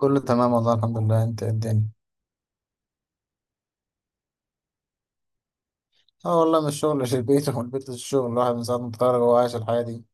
كله تمام والله الحمد لله. انت ايه الدنيا؟ اه، والله من الشغل للبيت ومن البيت للشغل. الواحد من ساعة ما اتخرج وهو عايش الحياة دي.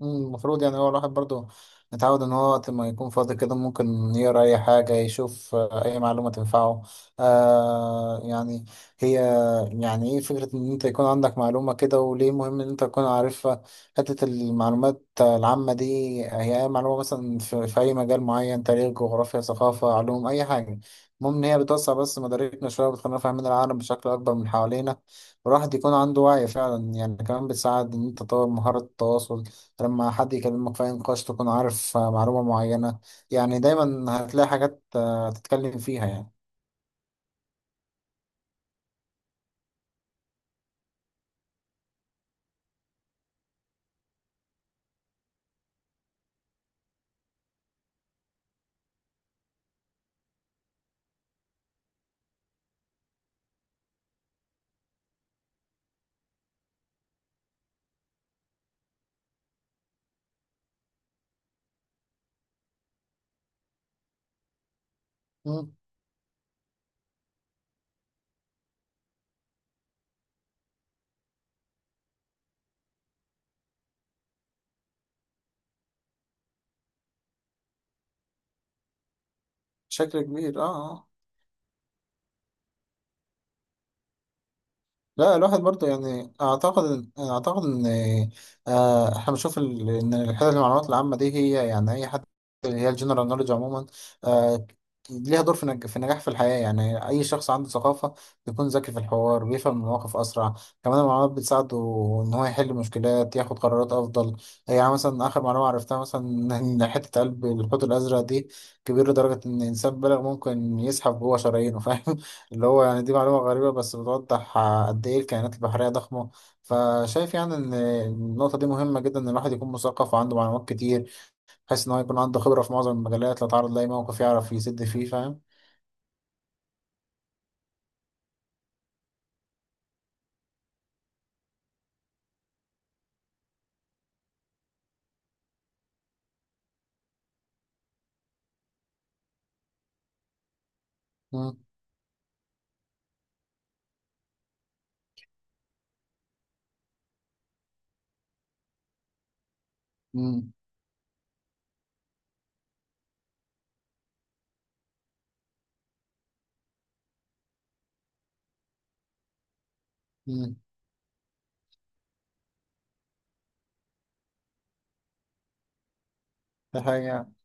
المفروض يعني هو الواحد برضو متعود ان هو وقت ما يكون فاضي كده ممكن يقرا اي حاجه، يشوف اي معلومه تنفعه. يعني هي يعني ايه فكره ان انت يكون عندك معلومه كده، وليه مهم ان انت تكون عارفها؟ حته المعلومات العامه دي، هي اي معلومه مثلا في اي مجال معين، تاريخ، جغرافيا، ثقافه، علوم، اي حاجه. المهم ان هي بتوسع بس مداركنا شويه، وبتخلينا فاهمين العالم بشكل اكبر من حوالينا، والواحد يكون عنده وعي فعلا. يعني كمان بتساعد ان انت تطور مهاره التواصل. لما حد يكلمك في أي نقاش تكون عارف معلومة معينة، يعني دايما هتلاقي حاجات تتكلم فيها يعني. مم. بشكل كبير، اه. آه. لا، الواحد برضه يعني اعتقد ان احنا بنشوف ان الحته المعلومات العامه دي، هي يعني اي حد، اللي هي الجنرال نوليدج عموما، آه، ليها دور في في النجاح في الحياه. يعني اي شخص عنده ثقافه بيكون ذكي في الحوار، بيفهم المواقف اسرع. كمان المعلومات بتساعده ان هو يحل مشكلات، ياخد قرارات افضل. يعني مثلا اخر معلومه عرفتها مثلا، ان حته قلب الحوت الازرق دي كبيره لدرجه ان انسان بالغ ممكن يزحف جوه شرايينه، فاهم؟ اللي هو يعني دي معلومة غريبة بس بتوضح قد إيه الكائنات البحرية ضخمة. فشايف يعني إن النقطة دي مهمة جدا، إن الواحد يكون مثقف وعنده معلومات كتير، بحيث إن هو يكون عنده خبرة في معظم المجالات، لو اتعرض لأي موقف يعرف يسد فيه، فاهم؟ مم. مم. مم. ده حقيقة.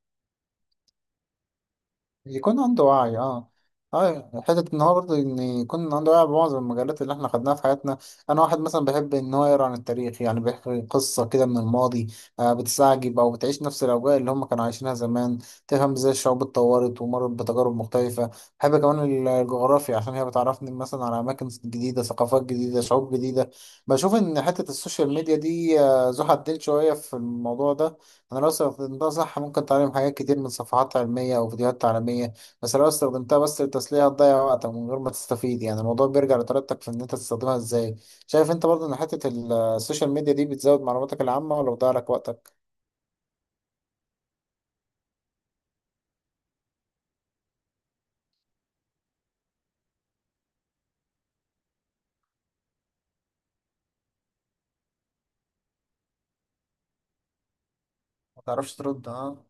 يكون عنده وعي، اه. اه حتة ان هو برضه ان يكون عنده وعي بمعظم المجالات اللي احنا خدناها في حياتنا. انا واحد مثلا بحب ان هو يقرا عن التاريخ، يعني بيحكي قصة كده من الماضي، بتستعجب او بتعيش نفس الاوجاع اللي هم كانوا عايشينها زمان، تفهم ازاي الشعوب اتطورت ومرت بتجارب مختلفة. بحب كمان الجغرافيا عشان هي بتعرفني مثلا على اماكن جديدة، ثقافات جديدة، شعوب جديدة. بشوف ان حتة السوشيال ميديا دي ذو حدين شوية في الموضوع ده. انا لو استخدمتها صح ممكن تعلم حاجات كتير من صفحات علمية او فيديوهات تعليمية، بس لو استخدمتها بس للتسلية هتضيع وقتك من غير ما تستفيد. يعني الموضوع بيرجع لطريقتك في ان انت تستخدمها ازاي. شايف انت برضو ان حتة السوشيال ميديا دي بتزود معلوماتك العامة ولا بتضيع لك وقتك؟ ما تعرفش ترد، ها.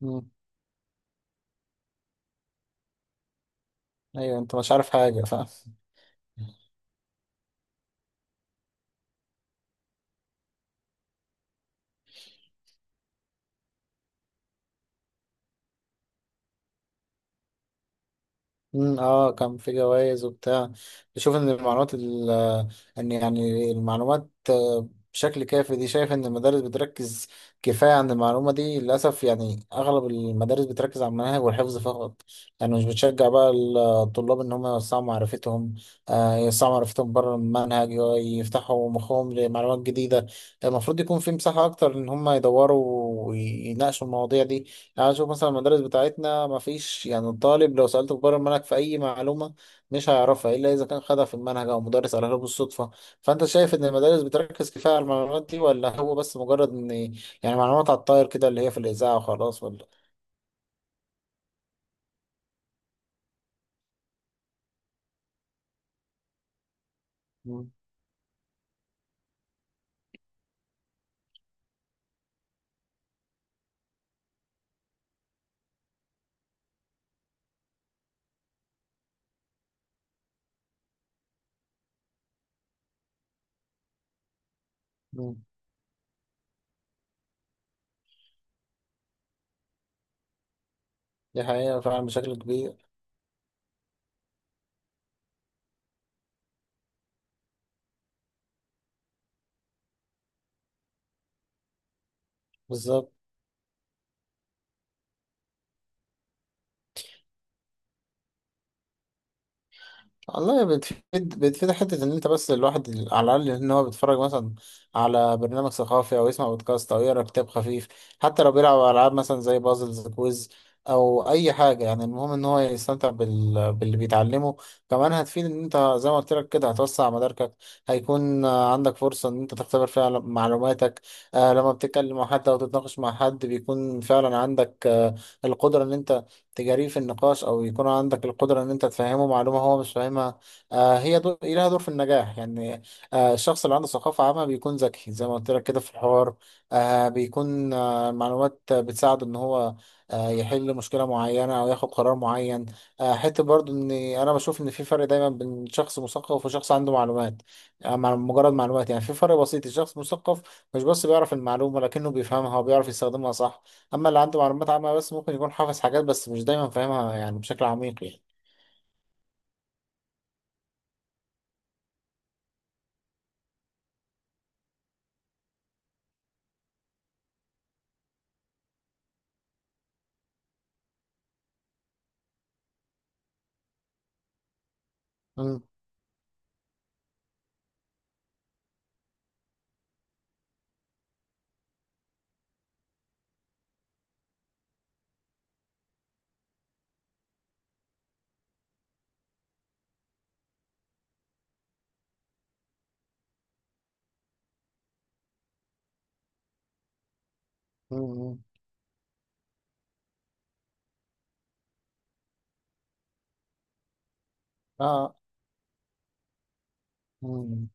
مم. ايوه، انت مش عارف حاجة، فاهم. كان في جوائز وبتاع. بشوف ان المعلومات ان يعني المعلومات بشكل كافي دي، شايف ان المدارس بتركز كفايه عن المعلومه دي للاسف. يعني اغلب المدارس بتركز على المناهج والحفظ فقط، يعني مش بتشجع بقى الطلاب ان هم يوسعوا معرفتهم، يوسعوا معرفتهم بره المنهج، يفتحوا مخهم لمعلومات جديده. المفروض يكون في مساحه اكتر ان هم يدوروا ويناقشوا المواضيع دي. تعال نشوف مثلا المدارس بتاعتنا، ما فيش، يعني الطالب لو سألته بره المنهج في أي معلومة مش هيعرفها إلا إذا كان خدها في المنهج أو مدرس قالها له بالصدفة. فأنت شايف إن المدارس بتركز كفاية على المعلومات دي، ولا هو بس مجرد إن يعني معلومات على الطاير كده، اللي هي في الإذاعة وخلاص ولا؟ مم. مم. دي حقيقة فعلا بشكل كبير. بالظبط. والله بتفيد. بتفيد حتة إن أنت بس الواحد على الأقل إن هو بيتفرج مثلا على برنامج ثقافي، أو يسمع بودكاست، أو يقرأ كتاب خفيف، حتى لو بيلعب ألعاب مثلا زي بازلز كويز أو أي حاجة. يعني المهم إن هو يستمتع باللي بيتعلمه. كمان هتفيد إن أنت زي ما قلت لك كده هتوسع مداركك، هيكون عندك فرصة إن أنت تختبر فيها معلوماتك. لما بتتكلم مع حد أو تتناقش مع حد، بيكون فعلا عندك القدرة إن أنت تجاريه في النقاش، او يكون عندك القدره ان انت تفهمه معلومه هو مش فاهمها. آه هي دور لها دور في النجاح يعني. الشخص اللي عنده ثقافه عامه بيكون ذكي زي ما قلت لك كده في الحوار، بيكون معلومات بتساعده ان هو يحل مشكله معينه او ياخد قرار معين. حته برضو ان انا بشوف ان في فرق دايما بين شخص مثقف وشخص عنده معلومات، مجرد معلومات. يعني في فرق بسيط، الشخص المثقف مش بس بيعرف المعلومه، لكنه بيفهمها وبيعرف يستخدمها صح، اما اللي عنده معلومات عامة بس ممكن يكون حافظ حاجات بس مش دايما فاهمها يعني بشكل عميق يعني. مم. مم. مم. اه. مم.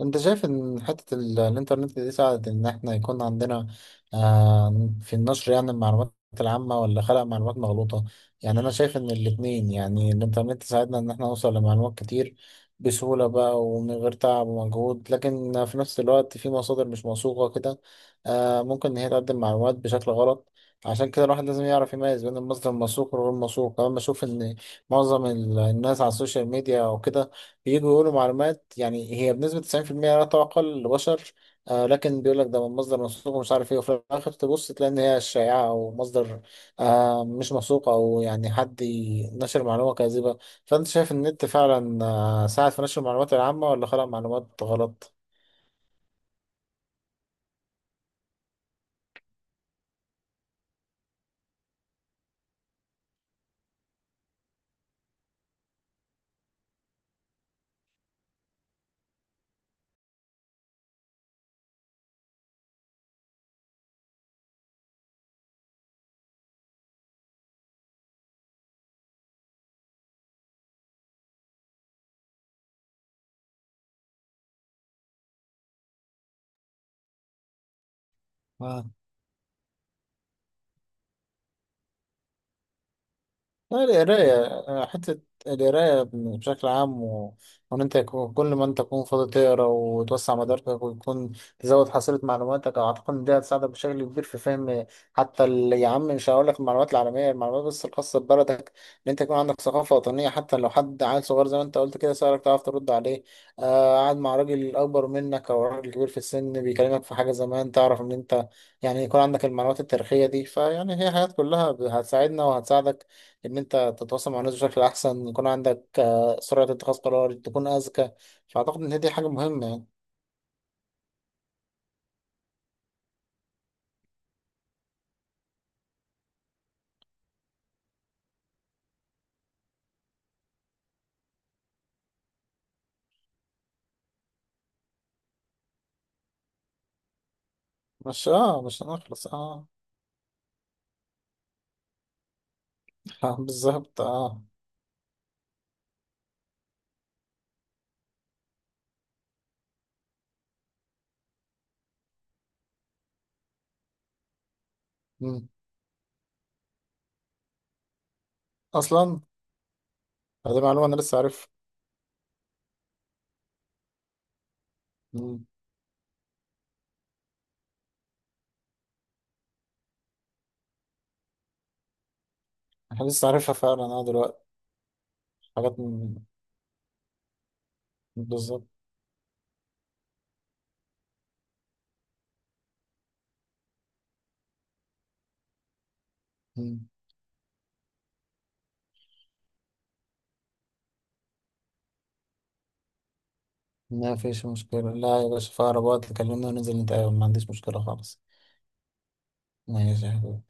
انت شايف ان حتة الانترنت دي ساعدت ان احنا يكون عندنا في النشر يعني المعلومات العامة، ولا خلق معلومات مغلوطة؟ يعني انا شايف ان الاتنين، يعني الانترنت ساعدنا ان احنا نوصل لمعلومات كتير بسهولة بقى ومن غير تعب ومجهود، لكن في نفس الوقت في مصادر مش موثوقة كده ممكن ان هي تقدم معلومات بشكل غلط. عشان كده الواحد لازم يعرف يميز بين المصدر الموثوق والغير موثوق. كمان بشوف ان معظم الناس على السوشيال ميديا او كده بييجوا يقولوا معلومات، يعني هي بنسبة 90% لا تُعقل لبشر، لكن بيقول لك ده من مصدر موثوق ومش عارف ايه، وفي الآخر تبص تلاقي إن هي شائعة أو مصدر مش موثوق، أو يعني حد نشر معلومة كاذبة. فأنت شايف إن النت فعلا ساعد في نشر المعلومات العامة، ولا خلق معلومات غلط؟ لا، القراية بشكل عام وإن أنت كل ما أنت تكون فاضي تقرا وتوسع مداركك، ويكون تزود حصيلة معلوماتك، أعتقد إن دي هتساعدك بشكل كبير في فهم حتى يا عم مش هقول لك المعلومات العالمية، المعلومات بس الخاصة ببلدك. إن أنت يكون عندك ثقافة وطنية، حتى لو حد عيل صغير زي ما أنت قلت كده سألك تعرف ترد عليه، قاعد مع راجل أكبر منك أو راجل كبير في السن بيكلمك في حاجة زمان تعرف إن أنت، يعني يكون عندك المعلومات التاريخية دي، فيعني هي حاجات كلها هتساعدنا وهتساعدك ان انت تتواصل مع الناس بشكل احسن، يكون عندك سرعة اتخاذ قرار، تكون اذكى. فاعتقد ان هي دي حاجة مهمة يعني. مش هنخلص، اه. بالظبط، اه. مم. اصلا دي معلومة انا لسه عارفها. مم. انا لسه عارفها فعلا دلوقتي. حاجات من- بالظبط. مم. ما فيش مشكلة، لا يا باشا، في أقرب وقت كلمني وننزل نتقابل، ما عنديش مشكلة خالص. ماشي يا حبيبي.